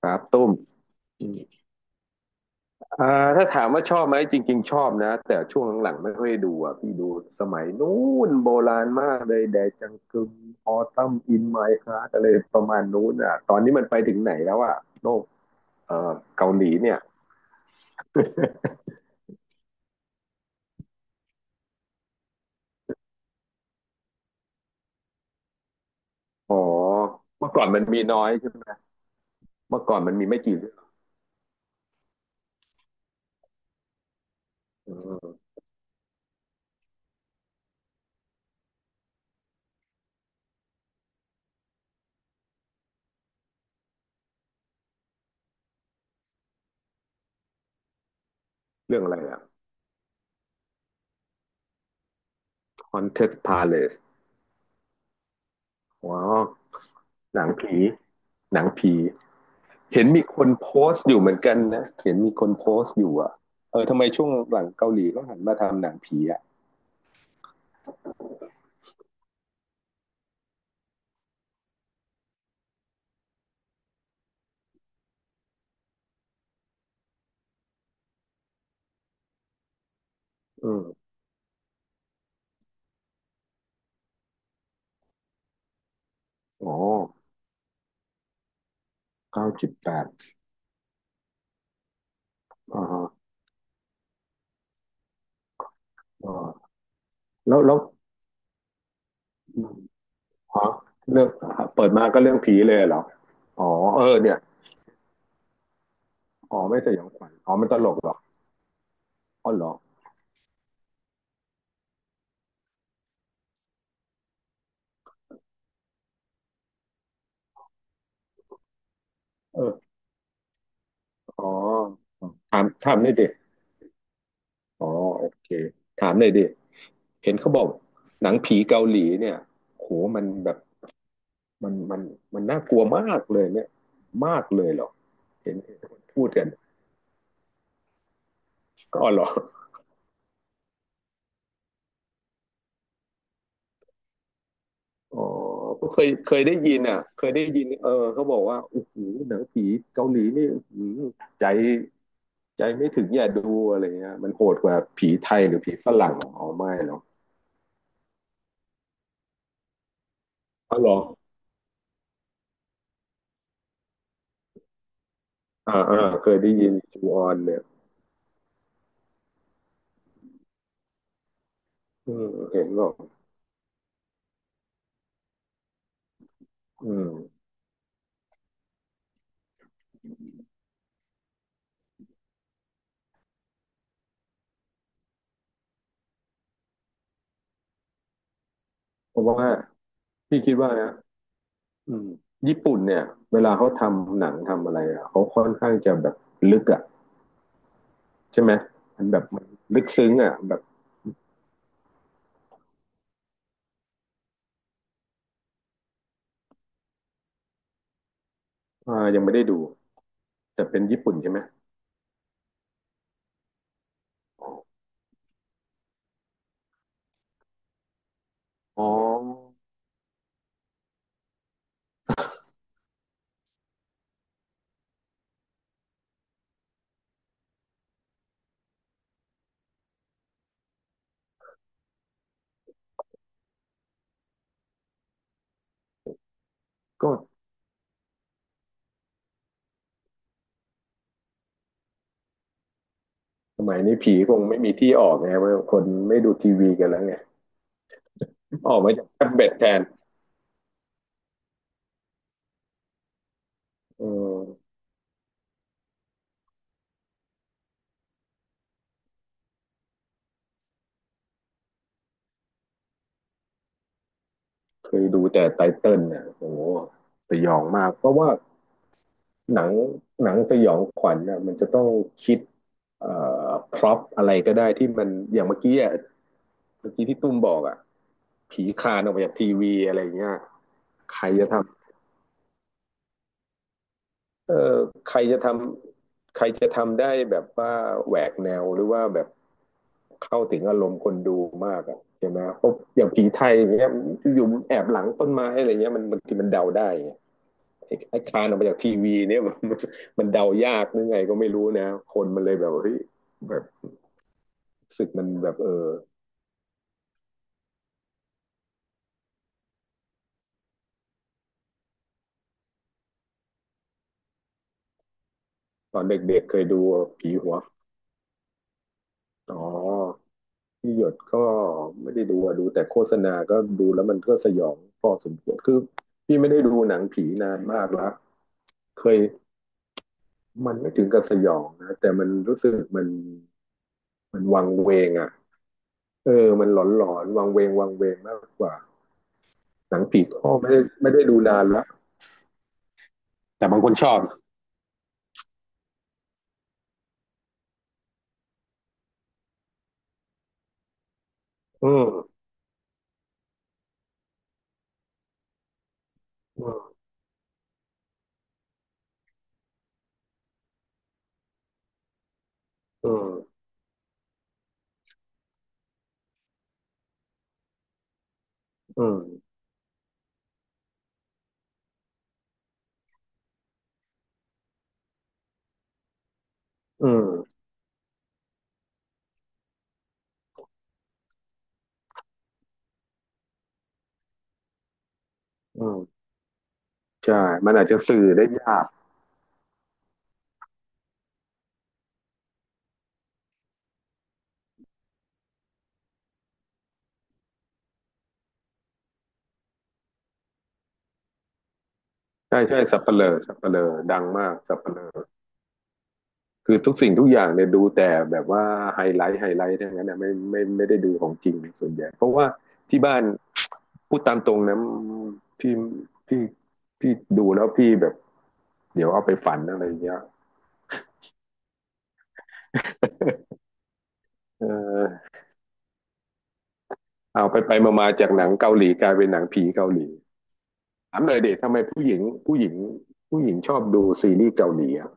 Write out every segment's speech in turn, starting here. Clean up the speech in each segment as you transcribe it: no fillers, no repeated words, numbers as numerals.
ครับตุ้มถ้าถามว่าชอบไหมจริงๆชอบนะแต่ช่วงหลังๆไม่ค่อยดูอ่ะพี่ดูสมัยนู้นโบราณมากเลยแดจังกึมออตัมอินไมค์ฮารอะไรประมาณนู้นอ่ะตอนนี้มันไปถึงไหนแล้วอ่ะโลกเอ่อเกาหลีเนี่ยอ๋อเมื่อก่อนมันมีน้อยใช่ไหมเมื่อก่อนมันมีไม่กี่เรื่องเออเรื่องอะไรอ่ะ Haunted Palace อ๋อหนังผีหนังผี เห็นมีคนโพสต์อยู่เหมือนกันนะเห็นมีคนโพสต์อยู่อ่ะเออทำไมช่วงหลังเกาหลีก็หันมาทำหนังผีอ่ะอืมอ๋อ9.8อ่าฮะอแล้วอฮะเรื่องเปิดมาก็เรื่องผีเลยเหรอ อ๋อเออเนี่ยอ๋อไม่สยองขวัญอ๋อมันตลกเหรออ๋อเหรอเอออ๋อถามถามหน่อยดิอ๋อโอเค ถามหน่อยดิ เห็นเขาบอกหนังผีเกาหลีเนี่ยโหมันแบบ มันมันน่ากลัวมากเลยเนี่ยมากเลยเหรอเห็นคพูดกันก็หรออ๋อก็เคยได้ยินอ่ะเคยได้ยินเออเขาบอกว่าโอ้โหหนังผีเกาหลีนี่ใจใจไม่ถึงอย่าดูอะไรเงี้ยมันโหดกว่าผีไทยหรือผีฝรั่งอ๋อไม่หรอกอ๋อหรออ่าอเคยได้ยินจูออนเนี่ยอืมเห็นบอกอืมเพราะว่าพี่คิดว่านะอืมญี่ปุ่นเนี่ยเวลาเขาทำหนังทำอะไรอะเขาค่อนข้างจะแบบลึกอ่ะ ใช่ไหมมันแบบมันลึกซึ้งอ่ะแบบอ่ายังไม่ได้ดูแต่เป็นญี่ปุ่นใช่ไหมอ๋อก็สมัยนี้ผีคงไม่มีที่ออกไงว่าคนไม่ดูทีวีกันแล้วไงออกมาจากแท็บเล็ตแทนเออเคยดูแต่ไตเติ้ลเนี่ยโอ้โหสยองมากเพราะว่าหนังหนังสยองขวัญน่ะมันจะต้องคิดเอ่อพร็อพอะไรก็ได้ที่มันอย่างเมื่อกี้อ่ะเมื่อกี้ที่ตุ้มบอกอ่ะผีคลานออกมาจากทีวีอะไรอย่างเงี้ยใครจะทำ เออใครจะทำใครจะทำได้แบบว่าแหวกแนวหรือว่าแบบเข้าถึงอารมณ์คนดูมากอ่ะใช่ไหมเพราะอย่างผีไทยอย่างเงี้ยอยู่แอบหลังต้นไม้อะไรเงี้ยมันบางทีมันเดาได้ไงไอ้ไอ้คานออกมาจากทีวีเนี่ย มันเดายากหรือไงก็ไม่รู้นะคนมันเลยแบบเฮ้ยแบบรู้สึกมันแบบเออตอนเด็กๆเคยดูผีหัวอ๋อ พี่หยดก็ไม่ได้ดูอะดูแต่โฆษณาก็ดูแล้วมันก็สยองพอสมควรคือพี่ไม่ได้ดูหนังผีนานมากแล้วเคยมันไม่ถึงกับสยองนะแต่มันรู้สึกมันมันวังเวงอ่ะเออมันหลอนหลอนวังเวงวังเวงมากกว่าหนังผีก็ไม่ได้ไม่ได้ดูนานแลวแต่บางคนชอบอืมอืมอืมอืมอืมอืมใช่มันอาจจะสื่อได้ยากใช่ใช่สัปเหร่อสัปเหร่อดังมากสัปเหร่อ คือทุกสิ่งทุกอย่างเนี่ยดูแต่แบบว่าไฮไลท์ไฮไลท์ทั้งนั้นนะไม่ไม่ไม่ได้ดูของจริงส่วนใหญ่เพราะว่าที่บ้านพูดตามตรงนะพี่พี่พี่ดูแล้วพี่แบบเดี๋ยวเอาไปฝันอะไรเงี้ยเออเอาไปไปมาๆจากหนังเกาหลีกลายเป็นหนังผีเกาหลีถามเลยเด็กทำไมผู้หญิงผู้หญิงชอบดูซีรีส์เกาหลีอะ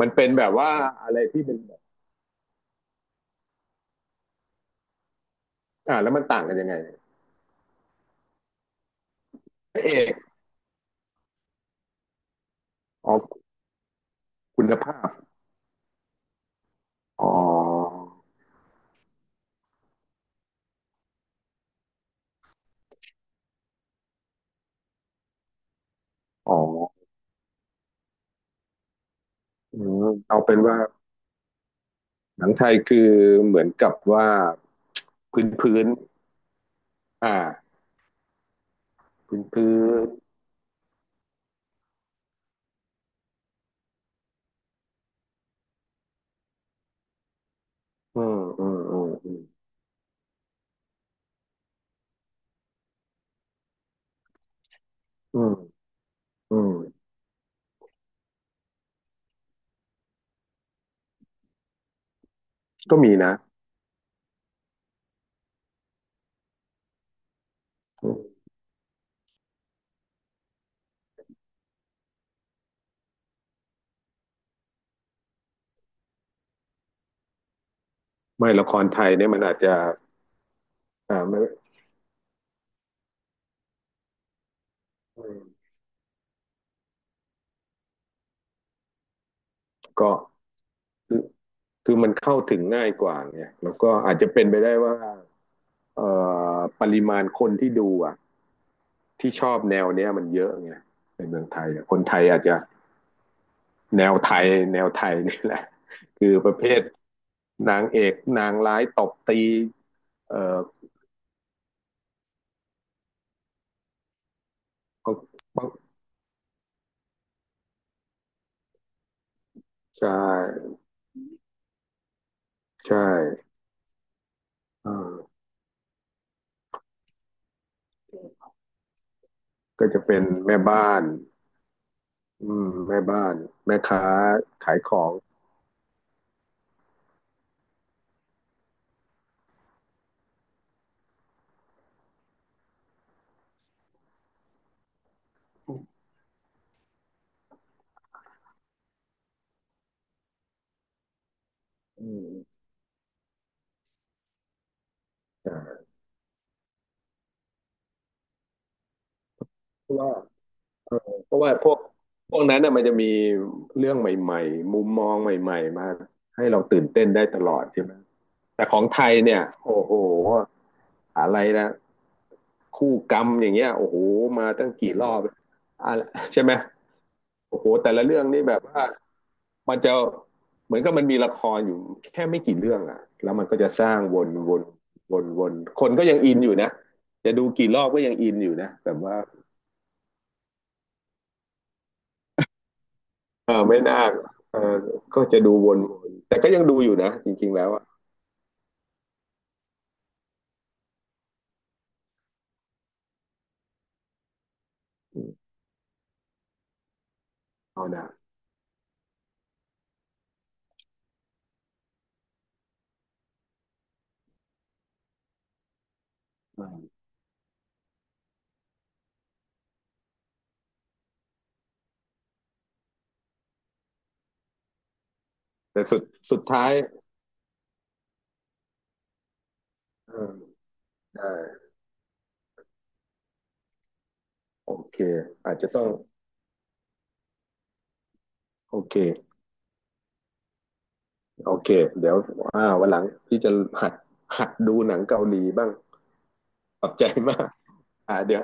มันเป็นแบบว่าอะไรที่เป็นแบบอ่าแล้วมันต่างกันยังไงพระเอกอ๋อกคุณภาพอ๋ออ๋อเอาเป็นว่า หนังไทยคือเหมือนกับว่าพื้นพื้นอ่าพื้นพื้นอืมอืมอืมอืมอืมอืมก็มีนะอืมไม่ละครไทยเนี่ยมันอาจจะอ่าไม่อืมก็คือคือมันเข้าถึงง่ายกว่าไงแล้วก็อาจจะเป็นไปได้ว่าเอ่อปริมาณคนที่ดูอ่ะที่ชอบแนวเนี้ยมันเยอะไงในเมืองไทยอะคนไทยอาจจะแนวไทยแนวไทยนี่แหละคือประเภทนางเอกนางร้ายตบตีเอ่อ ใช่ใช่อ่าก็จะเป็นแม่บ้านอืมแม่บ้านแม่ค้าขายของอืมอ่าเพราะว่าเออเพราะว่าพวกนั้นน่ะมันจะมีเรื่องใหม่ๆมุมมองใหม่ๆมาให้เราตื่นเต้นได้ตลอดใช่ไหมแต่ของไทยเนี่ยโอ้โหอะไรนะคู่กรรมอย่างเงี้ยโอ้โหมาตั้งกี่รอบอะใช่ไหมโอ้โหแต่ละเรื่องนี่แบบว่า มันจะเหมือนกับมันมีละครอยู่แค่ไม่กี่เรื่องอะแล้วมันก็จะสร้างวนวนวนวนคนก็ยังอินอยู่นะจะดูกี่รอบก็ยังอินอยู่นะแบบว่าเออไม่น่าเออก็จะดูวนวนแต่ก็ยังดูอยู่นะจริงๆแล้วอะอืมเอานะอืมแต่สุดท้ายเออได้โอเคอาจจะต้องโอเคโอเคเดี๋ยวอ่าวันหลังพี่จะหัดหัดดูหนังเกาหลีบ้างขอบใจมากอ่าเดี๋ยว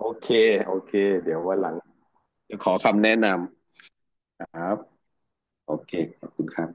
โอเคโอเคเดี๋ยววันหลัง จะขอคำแนะนำครับโอเคขอบคุณครับ